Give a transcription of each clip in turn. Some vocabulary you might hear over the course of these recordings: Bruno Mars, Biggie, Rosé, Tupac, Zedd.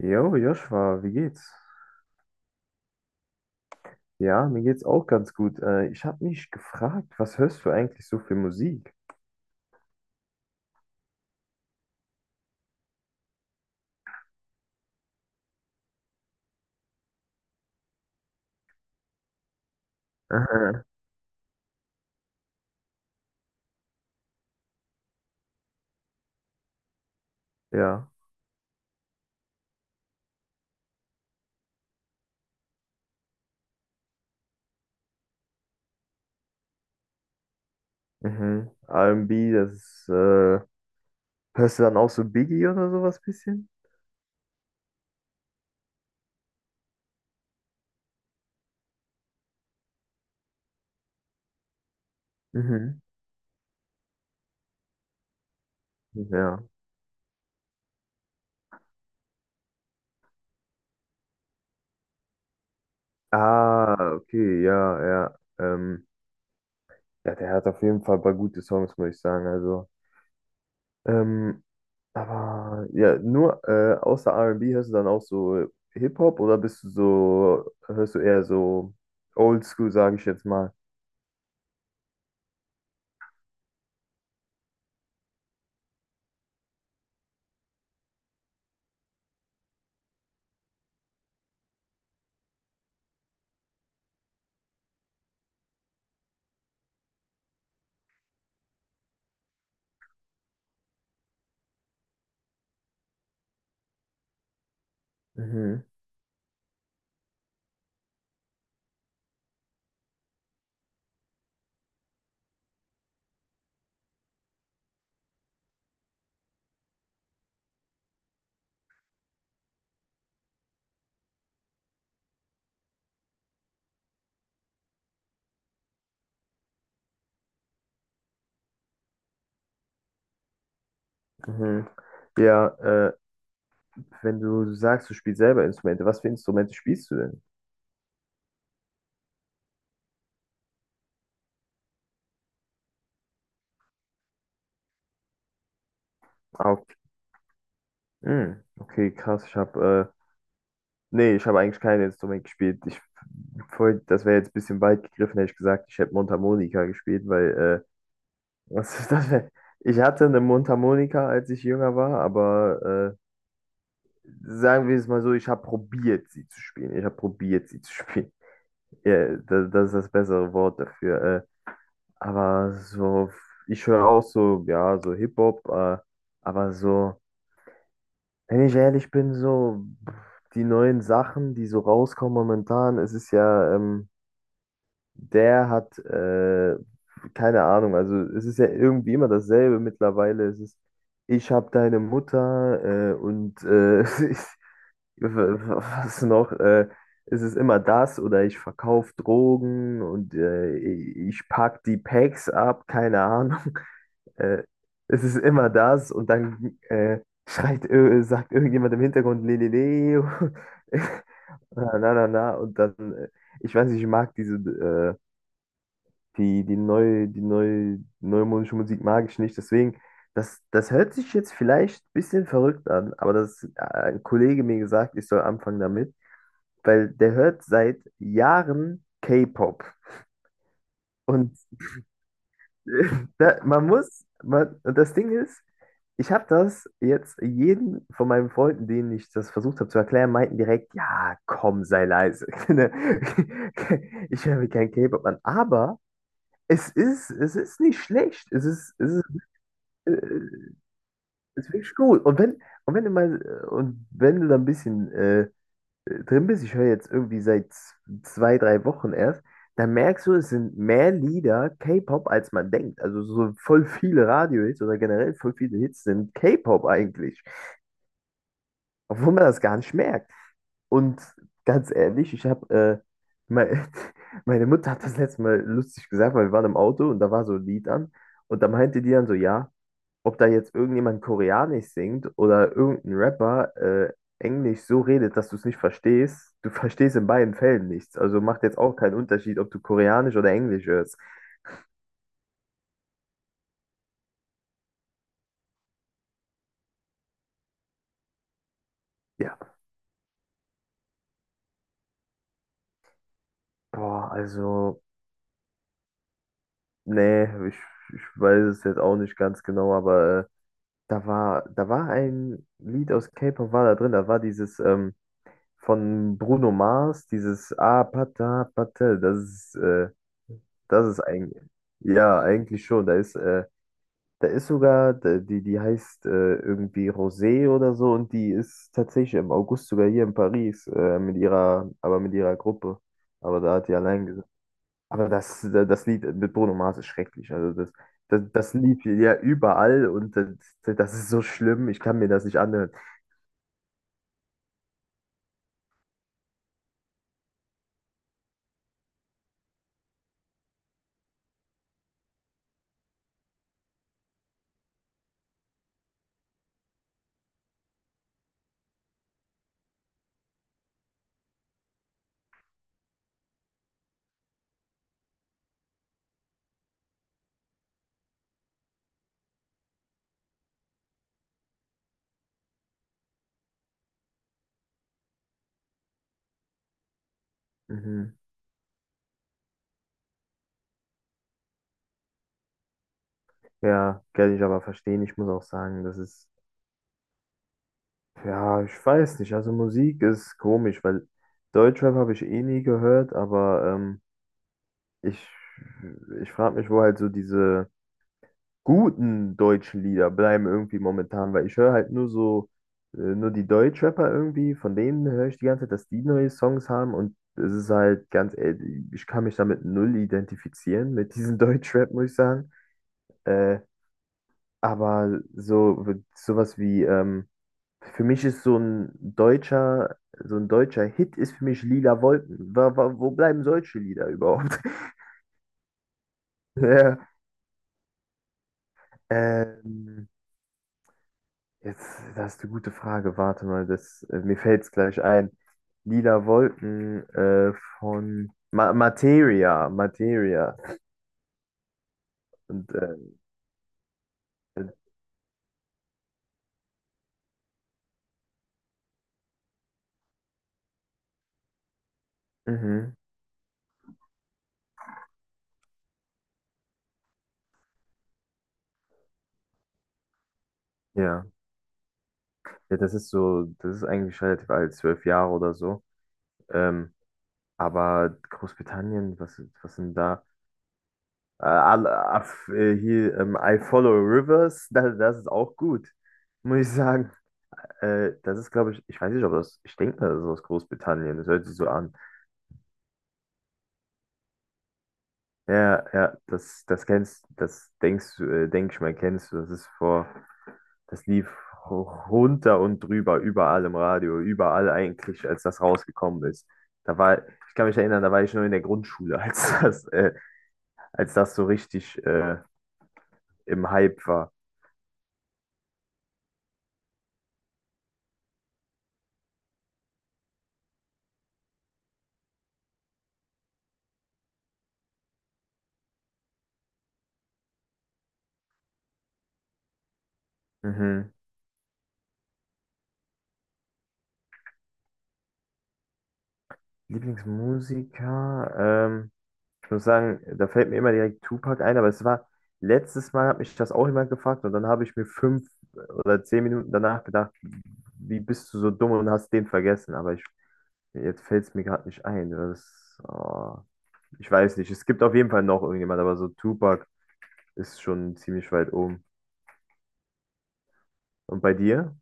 Jo, Joshua, wie geht's? Ja, mir geht's auch ganz gut. Ich habe mich gefragt, was hörst du eigentlich so für Musik? Aha. Ja. Mhm. R&B, das ist, hörst du dann auch so Biggie oder sowas bisschen? Mhm. Ja. Ah, okay, ja, ja. Ja, der hat auf jeden Fall ein paar gute Songs, muss ich sagen. Also, ähm, aber ja, nur außer R&B hörst du dann auch so Hip-Hop oder hörst du eher so Oldschool, sage ich jetzt mal? Mhm, mhm. Ja, wenn du sagst, du spielst selber Instrumente, was für Instrumente spielst du denn? Ah, okay. Hm, okay, krass. Nee, ich habe eigentlich kein Instrument gespielt. Voll, das wäre jetzt ein bisschen weit gegriffen, hätte ich gesagt, ich hätte Mundharmonika gespielt, weil, Was ist das? Ich hatte eine Mundharmonika, als ich jünger war, aber äh, sagen wir es mal so, ich habe probiert, sie zu spielen. Ich habe probiert, sie zu spielen. Ja, das ist das bessere Wort dafür. Aber so, ich höre auch so, ja, so Hip-Hop, aber so, wenn ich ehrlich bin, so pff, die neuen Sachen, die so rauskommen momentan, es ist ja, der hat, äh, keine Ahnung, also es ist ja irgendwie immer dasselbe mittlerweile. Es ist, ich habe deine Mutter und Was noch? Es ist immer das oder ich verkaufe Drogen und ich pack die Packs ab, keine Ahnung. Äh, Es ist immer das und dann sagt irgendjemand im Hintergrund Lelele, na na na na und dann, ich weiß nicht, die neue neumodische Musik mag ich nicht, deswegen, das hört sich jetzt vielleicht ein bisschen verrückt an, aber ein Kollege mir gesagt, ich soll anfangen damit, weil der hört seit Jahren K-Pop. Und äh, da, man muss, man, und das Ding ist, ich habe das jetzt jeden von meinen Freunden, denen ich das versucht habe zu erklären, meinten direkt, ja, komm, sei leise. Ich höre mir kein K-Pop an. Aber es ist nicht schlecht. Äh, es ist wirklich gut. Und wenn du da ein bisschen drin bist, ich höre jetzt irgendwie seit 2, 3 Wochen erst, dann merkst du, es sind mehr Lieder K-Pop, als man denkt. Also so voll viele Radiohits oder generell voll viele Hits sind K-Pop eigentlich, obwohl man das gar nicht merkt. Und ganz ehrlich, mein, meine Mutter hat das letzte Mal lustig gesagt, weil wir waren im Auto und da war so ein Lied an und da meinte die dann so, ja, ob da jetzt irgendjemand Koreanisch singt oder irgendein Rapper Englisch so redet, dass du es nicht verstehst, du verstehst in beiden Fällen nichts. Also macht jetzt auch keinen Unterschied, ob du Koreanisch oder Englisch hörst. Ja, boah, also, nee, ich weiß es jetzt auch nicht ganz genau, aber da war ein Lied aus K-Pop, war da drin, da war dieses von Bruno Mars, dieses Ah, Pata, Pata. Das ist eigentlich, ja, eigentlich schon, da ist sogar, die heißt irgendwie Rosé oder so und die ist tatsächlich im August sogar hier in Paris, aber mit ihrer Gruppe. Aber da hat die allein gesagt. Aber das Lied mit Bruno Mars ist schrecklich. Also das Lied hier, ja überall. Und das ist so schlimm, ich kann mir das nicht anhören. Mhm. Ja, kann ich aber verstehen. Ich muss auch sagen, das ist, ja, ich weiß nicht. Also Musik ist komisch, weil Deutschrap habe ich eh nie gehört, aber Ich, ich frage mich, wo halt so diese guten deutschen Lieder bleiben irgendwie momentan, weil ich höre halt nur die Deutschrapper irgendwie, von denen höre ich die ganze Zeit, dass die neue Songs haben und es ist halt ganz ehrlich, ich kann mich damit null identifizieren, mit diesem Deutschrap, muss ich sagen. Äh, aber so, sowas wie, ähm, für mich ist so ein deutscher Hit ist für mich Lila Wolken. Wo bleiben solche Lieder überhaupt? Ja. Ähm, Jetzt, das ist eine gute Frage. Warte mal, mir fällt es gleich ein. Lila Wolken, von Ma Materia, Materia. Und äh, mhm, ja. Ja, das ist eigentlich relativ alt, 12 Jahre oder so. Ähm, aber Großbritannien, was sind da? I Follow Rivers, das ist auch gut, muss ich sagen. Das ist, glaube ich, ich weiß nicht, ob das, ich denke, das ist aus Großbritannien, das hört sich so an. Ja, ja, das denkst du, denk ich mal, kennst du. Das lief ho- runter und drüber, überall im Radio, überall eigentlich, als das rausgekommen ist. Da war, ich kann mich erinnern, da war ich noch in der Grundschule, als das so richtig im Hype war. Mhm. Lieblingsmusiker, ähm, ich muss sagen, da fällt mir immer direkt Tupac ein, aber es war, letztes Mal hat mich das auch jemand gefragt und dann habe ich mir 5 oder 10 Minuten danach gedacht, wie bist du so dumm und hast den vergessen? Jetzt fällt es mir gerade nicht ein. Oh, ich weiß nicht. Es gibt auf jeden Fall noch irgendjemand, aber so Tupac ist schon ziemlich weit oben. Und bei dir?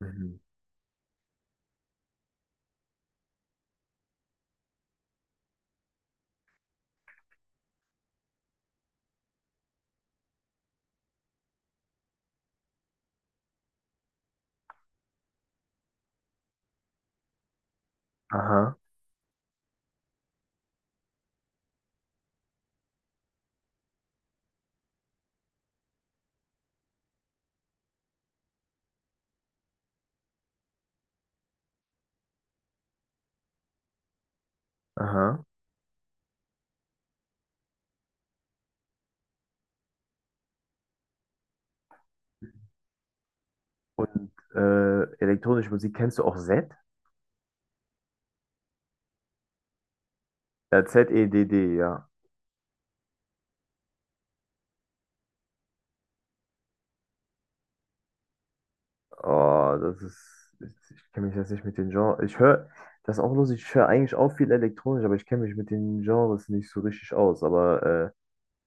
Mhm. Aha, aha. Und elektronische Musik, kennst du auch Z? Ja, Zedd, ja. Oh, das ist. Ich kenne mich jetzt nicht mit den Genres. Ich höre, das ist auch lustig, ich höre eigentlich auch viel elektronisch, aber ich kenne mich mit den Genres nicht so richtig aus. Aber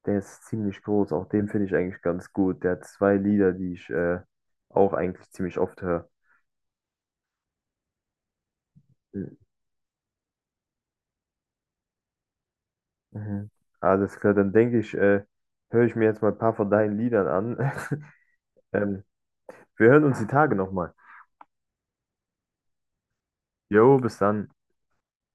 der ist ziemlich groß, auch den finde ich eigentlich ganz gut. Der hat zwei Lieder, die ich auch eigentlich ziemlich oft höre. Mhm. Mhm. Alles klar, dann denke ich, höre ich mir jetzt mal ein paar von deinen Liedern an. Ähm, Wir hören uns die Tage nochmal. Jo, bis dann.